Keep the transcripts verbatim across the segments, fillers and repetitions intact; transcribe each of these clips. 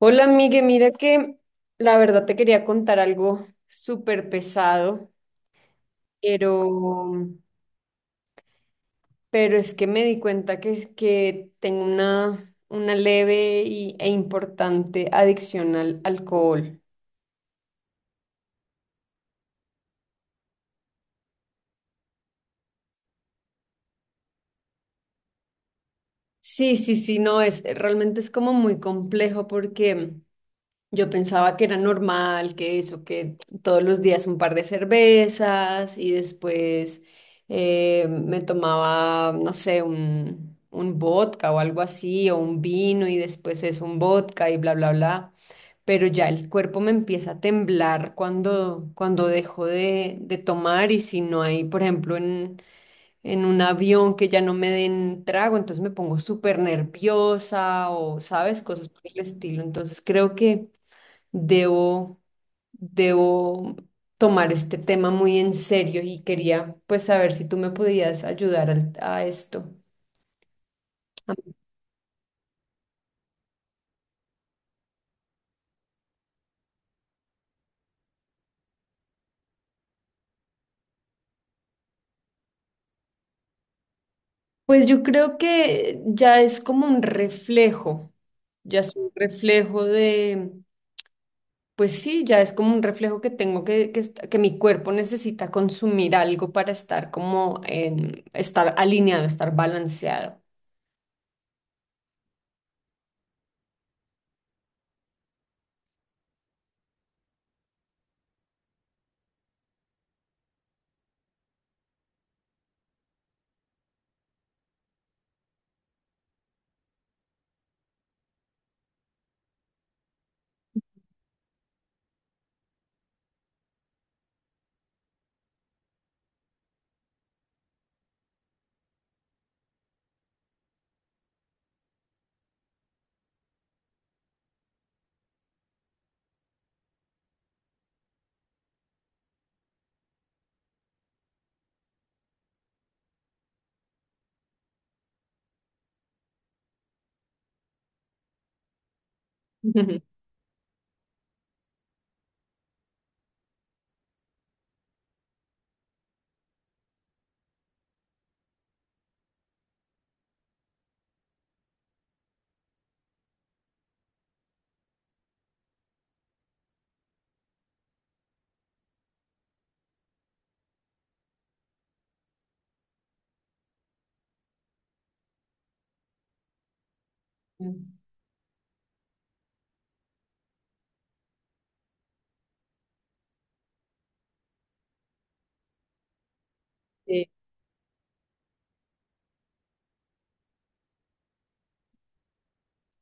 Hola, Migue, mira que la verdad te quería contar algo súper pesado, pero, pero es que me di cuenta que es que tengo una, una leve y- e importante adicción al alcohol. Sí, sí, sí, no, es realmente es como muy complejo porque yo pensaba que era normal, que eso, que todos los días un par de cervezas y después eh, me tomaba, no sé, un, un vodka o algo así, o un vino y después es un vodka y bla, bla, bla. Pero ya el cuerpo me empieza a temblar cuando, cuando dejo de, de tomar y si no hay, por ejemplo, en, en un avión que ya no me den trago, entonces me pongo súper nerviosa o, ¿sabes? Cosas por el estilo. Entonces creo que debo, debo tomar este tema muy en serio y quería pues saber si tú me podías ayudar al- a esto. Pues yo creo que ya es como un reflejo, ya es un reflejo de, pues sí, ya es como un reflejo que tengo que, que, est- que mi cuerpo necesita consumir algo para estar como en, estar alineado, estar balanceado. Ujú.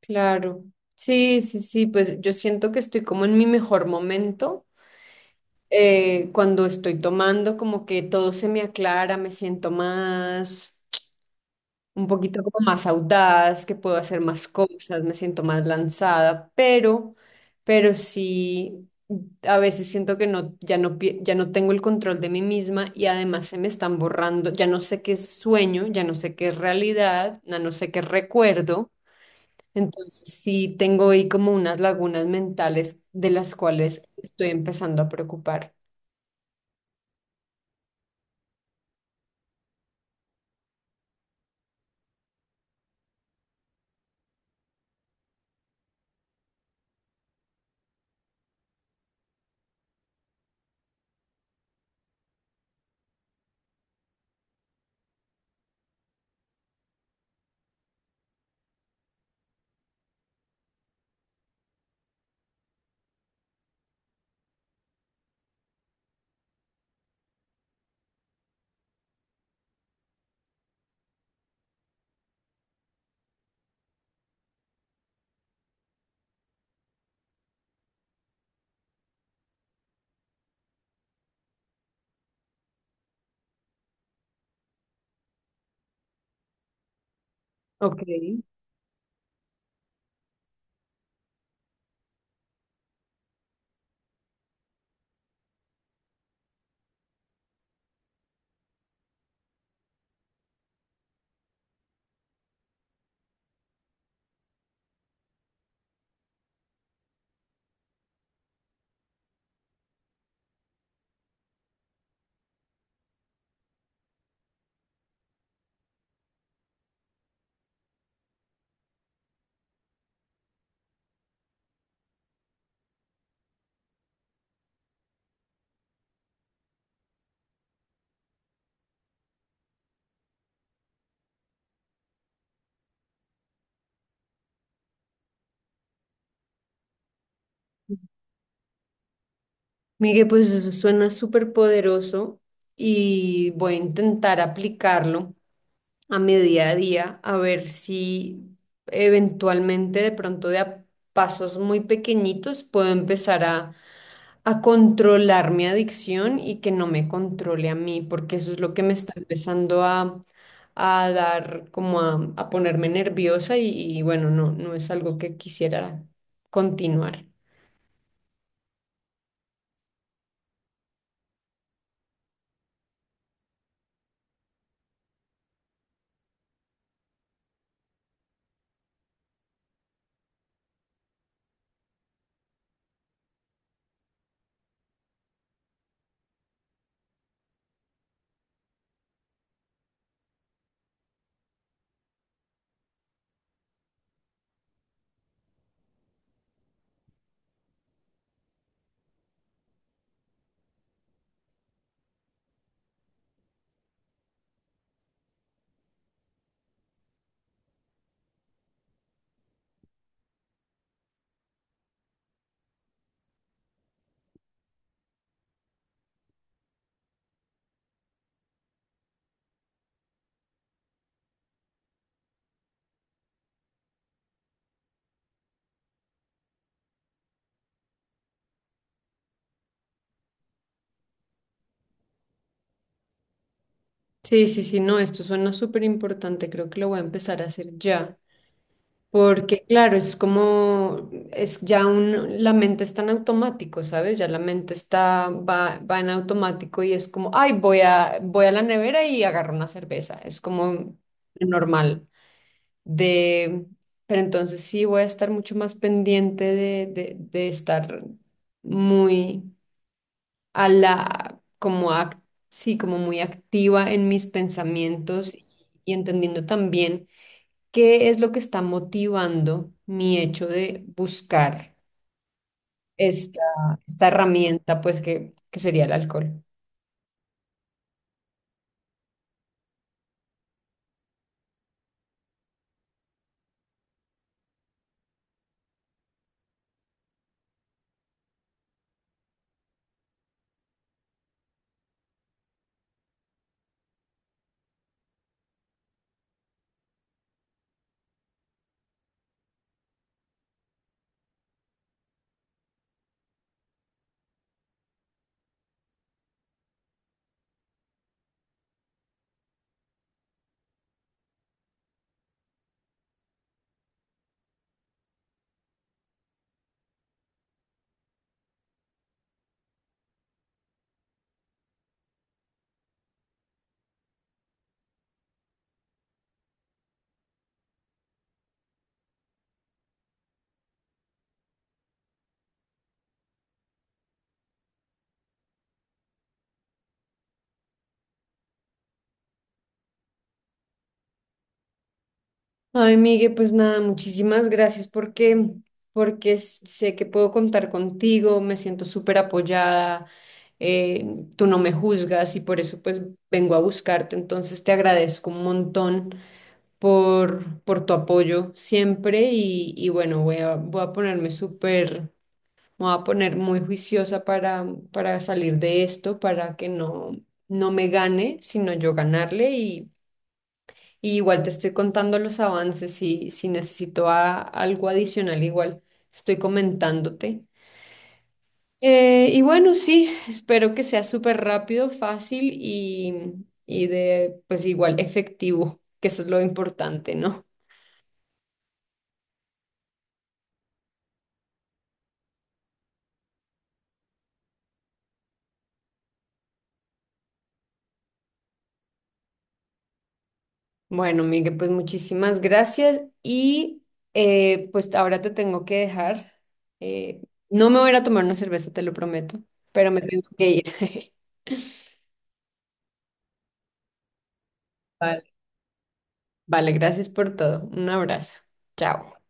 Claro. Sí, sí, sí, pues yo siento que estoy como en mi mejor momento. Eh, cuando estoy tomando, como que todo se me aclara, me siento más, un poquito como más audaz, que puedo hacer más cosas, me siento más lanzada, pero, pero sí, a veces siento que no, ya no, pi- ya no tengo el control de mí misma y además se me están borrando, ya no sé qué es sueño, ya no sé qué es realidad, ya no sé qué es recuerdo. Entonces sí tengo ahí como unas lagunas mentales de las cuales estoy empezando a preocupar. Ok. Miguel, pues eso suena súper poderoso y voy a intentar aplicarlo a mi día a día, a ver si eventualmente de pronto de a pasos muy pequeñitos puedo empezar a, a controlar mi adicción y que no me controle a mí, porque eso es lo que me está empezando a, a dar, como a, a ponerme nerviosa y, y bueno, no, no es algo que quisiera continuar. Sí, sí, sí, no, esto suena súper importante, creo que lo voy a empezar a hacer ya, porque claro, es como, es ya un, la mente está en automático, ¿sabes? Ya la mente está, va, va en automático y es como, ay, voy a, voy a la nevera y agarro una cerveza, es como normal de, pero entonces sí voy a estar mucho más pendiente de, de, de estar muy a la, como ac- sí, como muy activa en mis pensamientos y, entendiendo también qué es lo que está motivando mi hecho de buscar esta, esta herramienta, pues que, que sería el alcohol. Ay, Migue, pues nada, muchísimas gracias porque, porque s- sé que puedo contar contigo, me siento súper apoyada, eh, tú no me juzgas y por eso pues vengo a buscarte, entonces te agradezco un montón. por, por tu apoyo siempre y, y bueno, voy a, voy a ponerme súper, me voy a poner muy juiciosa para, para salir de esto, para que no, no me gane, sino yo ganarle y, y igual te estoy contando los avances si, si necesito a- algo adicional, igual estoy comentándote. Eh, y bueno, sí, espero que sea súper rápido, fácil y, y de, pues igual efectivo, que eso es lo importante, ¿no? Bueno, Miguel, pues muchísimas gracias y eh, pues ahora te tengo que dejar. Eh, no me voy a ir a tomar una cerveza, te lo prometo, pero me tengo que ir. Vale. Vale, gracias por todo. Un abrazo. Chao.